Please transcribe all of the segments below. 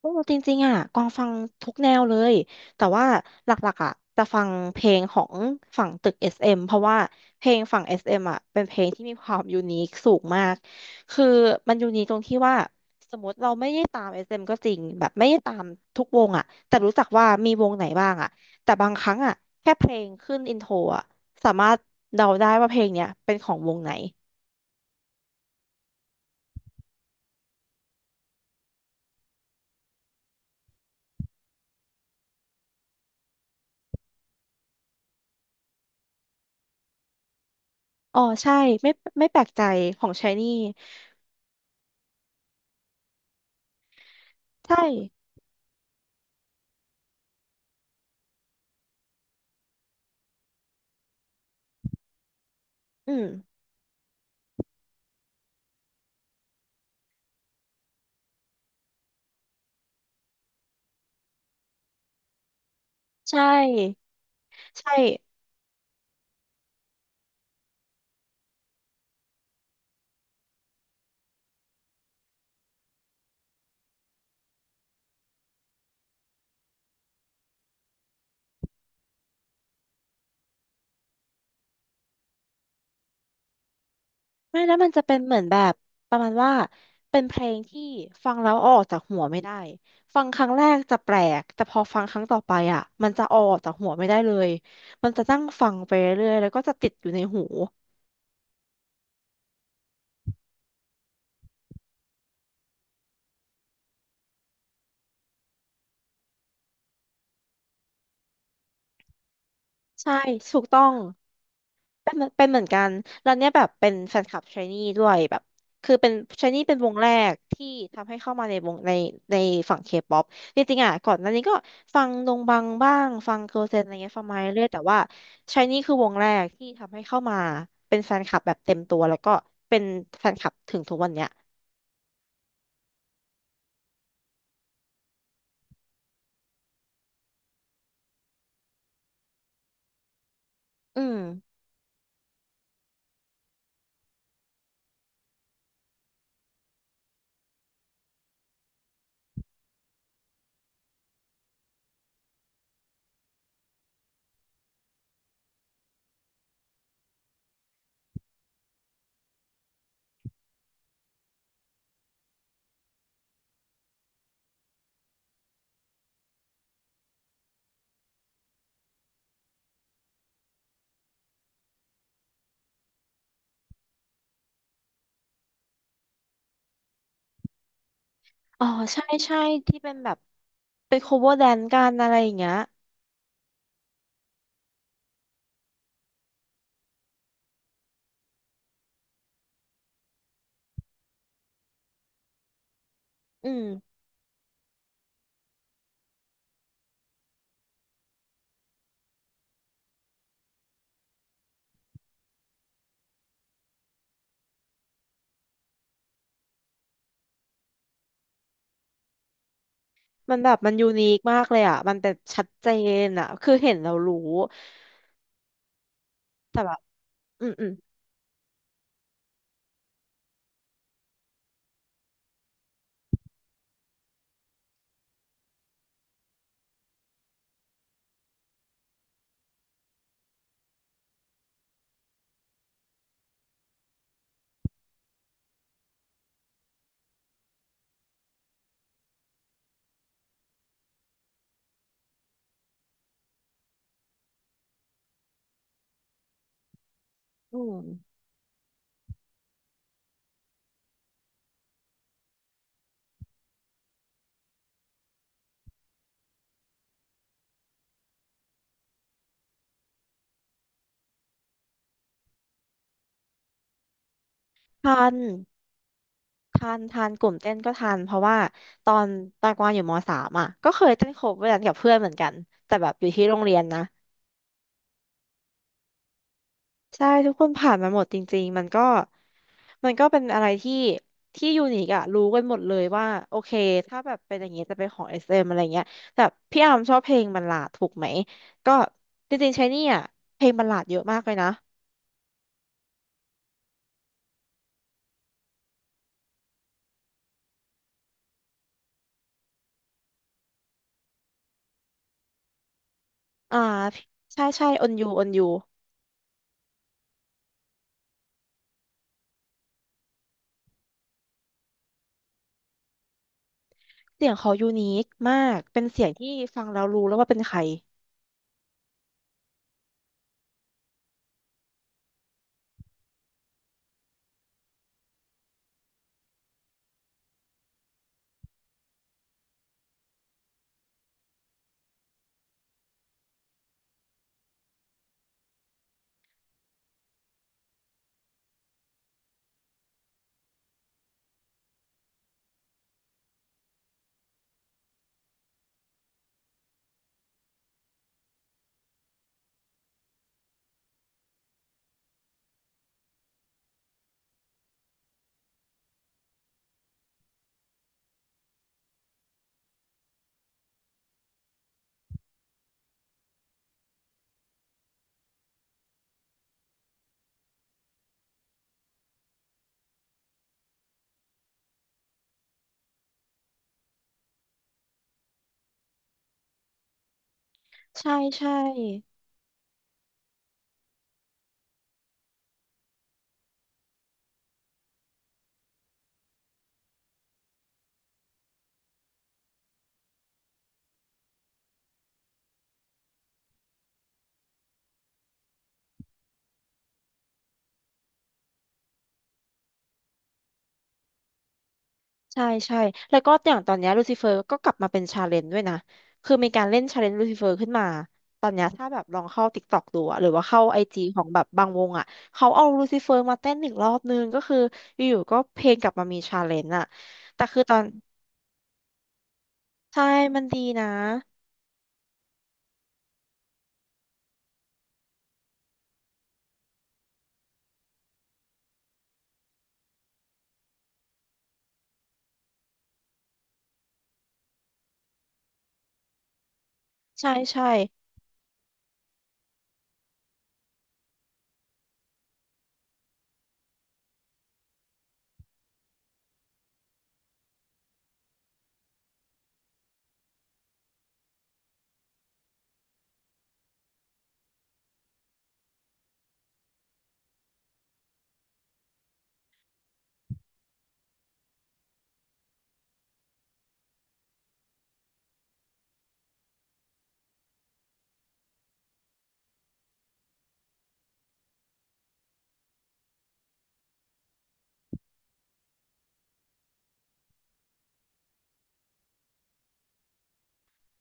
โอ้จริงๆอ่ะกวางฟังทุกแนวเลย แต่ว่าหลักๆอ่ะจะฟังเพลงของฝั่งตึก SM เอ็มเพราะว่าเพลงฝั่ง SM อสเอ็มอ่ะเป็นเพลงที่มีความยูนิคสูงมาก คือมันยูนิคตรงที่ว่าสมมติเราไม่ได้ตาม SM ก็จริงแบบไม่ได้ตามทุกวงอ่ะแต่รู้จักว่ามีวงไหนบ้างอ่ะแต่บางครั้งอ่ะแค่เพลงขึ้นอินโทรอ่ะสามารถเดาได้ว่าเพลงเนี้ยเป็นของวงไหนอ๋อใช่ไม่ไม่แปลกใจของชายนี่ใช่อืมใช่ ใช่ไม่แล้วมันจะเป็นเหมือนแบบประมาณว่าเป็นเพลงที่ฟังแล้วเอาออกจากหัวไม่ได้ฟังครั้งแรกจะแปลกแต่พอฟังครั้งต่อไปอ่ะมันจะเอาออกจากหัวไม่ได้เลยมันจะนั่งฟังไปเรื่อยๆแล้วก็จะติดอยู่ในหูใช่ถูกต้อง เป็นเหมือนเป็นเหมือนกันแล้วเนี่ยแบบเป็นแฟนคลับชายนี่ด้วยแบบคือเป็นชายนี่เป็นวงแรกที่ทำให้เข้ามาในวงในฝั่งเคป๊อปจริงๆอ่ะก่อนหน้านี้ก็ฟังดงบังบ้างฟังเกิร์ลเซนอะไรเงี้ยฟังมาเรื่อยๆแต่ว่าชายนี่คือวงแรกที่ทำให้เข้ามาเป็นแฟนคลับแบบเต็มตัวแล้วก็เป็นแฟนคลับถึงทุกวันเนี้ยอืมอ๋อใช่ใช่ที่เป็นแบบเป็นโคเวอร์แดนกันอะไรอย่างเงี้ยอืมมันแบบมันยูนิคมากเลยอ่ะมันแบบชัดเจนอ่ะคือเห็นเรารู้ แต่แบบอืมอืมอืมทันทันกลุ่มเต้นก็ทันเพราะว่าตอนตากวางอยู่มสามอ่ะก็เคยเต้นโคเวอร์กันกับเพื่อนเหมือนกัน แต่แบบอยู่ที่โรงเรียนนะใช่ทุกคนผ่านมาหมดจริงๆมันก็เป็นอะไรที่ยูนิคอะรู้กันหมดเลยว่าโอเคถ้าแบบเป็นอย่างนี้จะเป็นของ SM อสเอ็มอะไรเงี้ยแต่พี่อาร์มชอบเพลงบัลลาดถูกไหม ก็จริงๆใช้นี่อะเพลงบัลลาดเยอะมากเลยนะอ่าใช่ใช่อนยู เสียงเขายูนิคมาก เป็นเสียงที่ฟังแล้วรู้แล้วว่าเป็นใคร ใช่ใช่ใช่แล้วก็อย่างตอนเนี้ลูซิเฟอร์ก็กลับมาเป็นชาเลนจ์ด้วยนะ คือมีการเล่นชาเลนจ์ลูซิเฟอร์ขึ้นมา ตอนเนี้ยถ้าแบบลองเข้า TikTok ดูอะหรือว่าเข้าไอจีของแบบบางวงอะเขาเอาลูซิเฟอร์มาเต้นหนึ่งรอบนึงก็คืออยู่ๆก็เพลงกลับมามีชาเลนจ์อะแต่คือตอนใช่มันดีนะใช่ใช่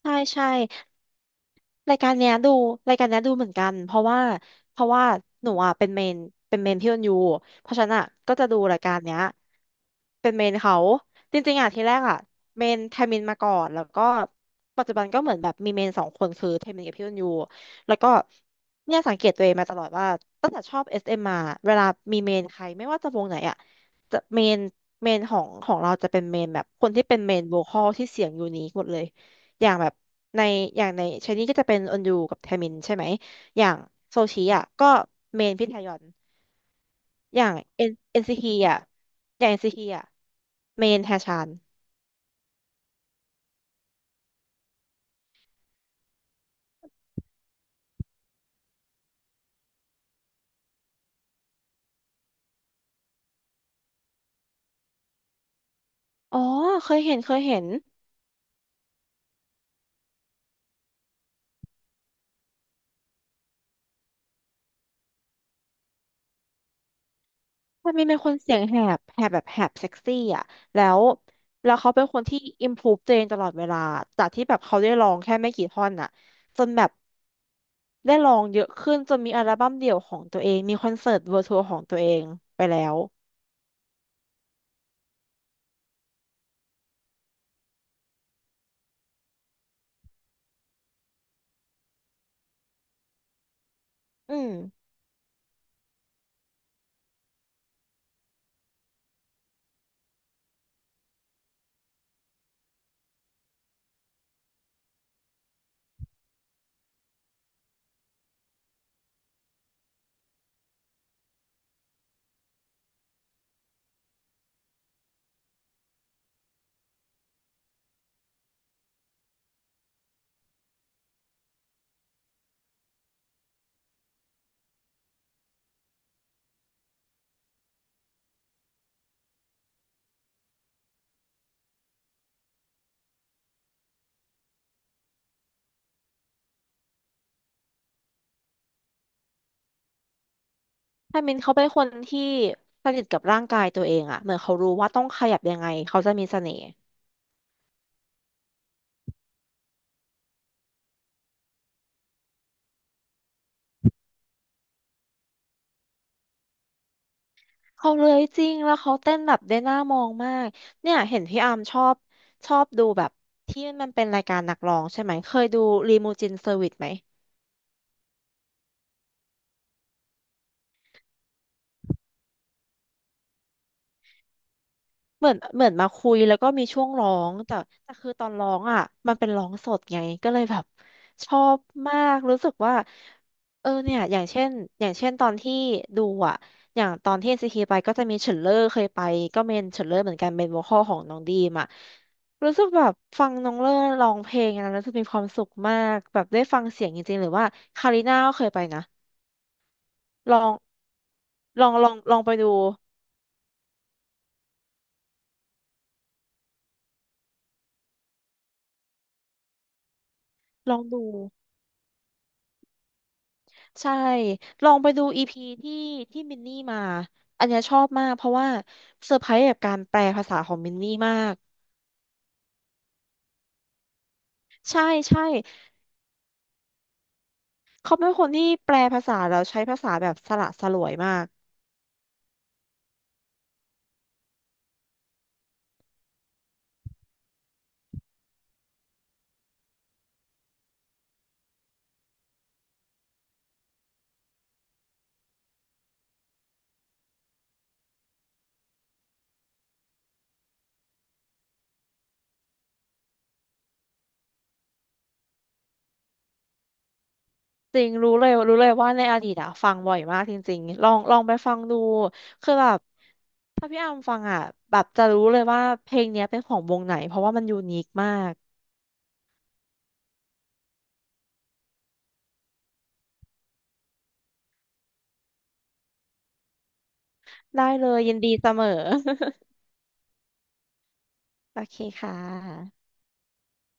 ใช่ รายการเนี้ยดูรายการเนี้ยดูเหมือนกันเพราะว่าเพราะว่าหนูอ่ะเป็นเมนเป็นเมนพี่ออนยูเพราะฉะนันอ่ะก็จะดูรายการเนี้ยเป็นเมนเขาจริงๆอ่ะทีแรกอ่ะเมนไทมินมาก่อนแล้วก็ปัจจุบันก็เหมือนแบบมีเมนสองคนคือไทมินกับพี่ออนยูแล้วก็เนี่ยสังเกตตัวเองมาตลอดว่าตั้งแต่ชอบเอสเอ็มมาเวลามีเมนใครไม่ว่าจะวงไหนอ่ะจะเมนเมนของเราจะเป็นเมนแบบคนที่เป็นเมนโวคอลที่เสียงยูนิคหมดเลย อย่างแบบในอย่างในชายนี่ก็จะเป็นออนยูกับแทมินใช่ไหมอย่างโซชิอ่ะก็เมนพี่ทยอนอย่างเอ็นเอ็นซีทีอ่ะอย่างเอ็นซีทีอ่ะเมนแฮชานอ๋อเคยเห็นมันมีเป็นคนเสียงแหบแบบแหบเซ็กซี่อ่ะแล้วแล้วเขาเป็นคนที่ improve ตัวเองตลอดเวลาจากที่แบบเขาได้ลองแค่ไม่กี่ท่อนอ่ะจนแบบได้ลองเยอะขึ้นจนมีอัลบั้มเดี่ยวของตัวเองมีคอนเสิร์ตเวอร์ทัวร์ของตัวเองไปแล้วอืม ไามินเขาเป็นคนที่สนิทกับร่างกายตัวเองอะเหมือนเขารู้ว่าต้องขยับยังไง เขาจะมีเสน่ห์เขาเลยจริงแล้วเขาเต้นแบบได้น่ามองมากเนี่ยเห็นพี่อาร์มชอบชอบดูแบบที่มันเป็นรายการนักร้องใช่ไหม เคยดูรีมูจินเซอร์วิสไหม เหมือนมาคุยแล้วก็มีช่วงร้องแต่แต่คือตอนร้องอ่ะมันเป็นร้องสดไงก็เลยแบบชอบมากรู้สึกว่าเออเนี่ยอย่างเช่นตอนที่ดูอ่ะอย่างตอนที่ NCT ไปก็จะมีเฉินเล่อเคยไปก็เมนเฉินเล่อเหมือนกันเป็นโวอคอลของน้องดีมอ่ะรู้สึกแบบฟังน้องเล่อร้องเพลงนะรู้สึกมีความสุขมากแบบได้ฟังเสียงจริงๆหรือว่าคาริน่าก็เคยไปนะลองลองไปดูลองดู ใช่ลองไปดูอีพีที่มินนี่มาอันเนี้ยชอบมากเพราะว่าเซอร์ไพรส์กับการแปลภาษาของมินนี่มากใช่ใช่เขาเป็นคนที่แปลภาษาแล้วใช้ภาษาแบบสละสลวยมากจริงรู้เลยว่าในอดีตอะฟังบ่อยมากจริงๆลองไปฟังดูคือแบบถ้าพี่อามฟังอะแบบจะรู้เลยว่าเพลงเนี้ยเป็นของวงไหนเพราะว่ามันยูนิคมากได้เลยยินดีเสมอ โอเคค่ะ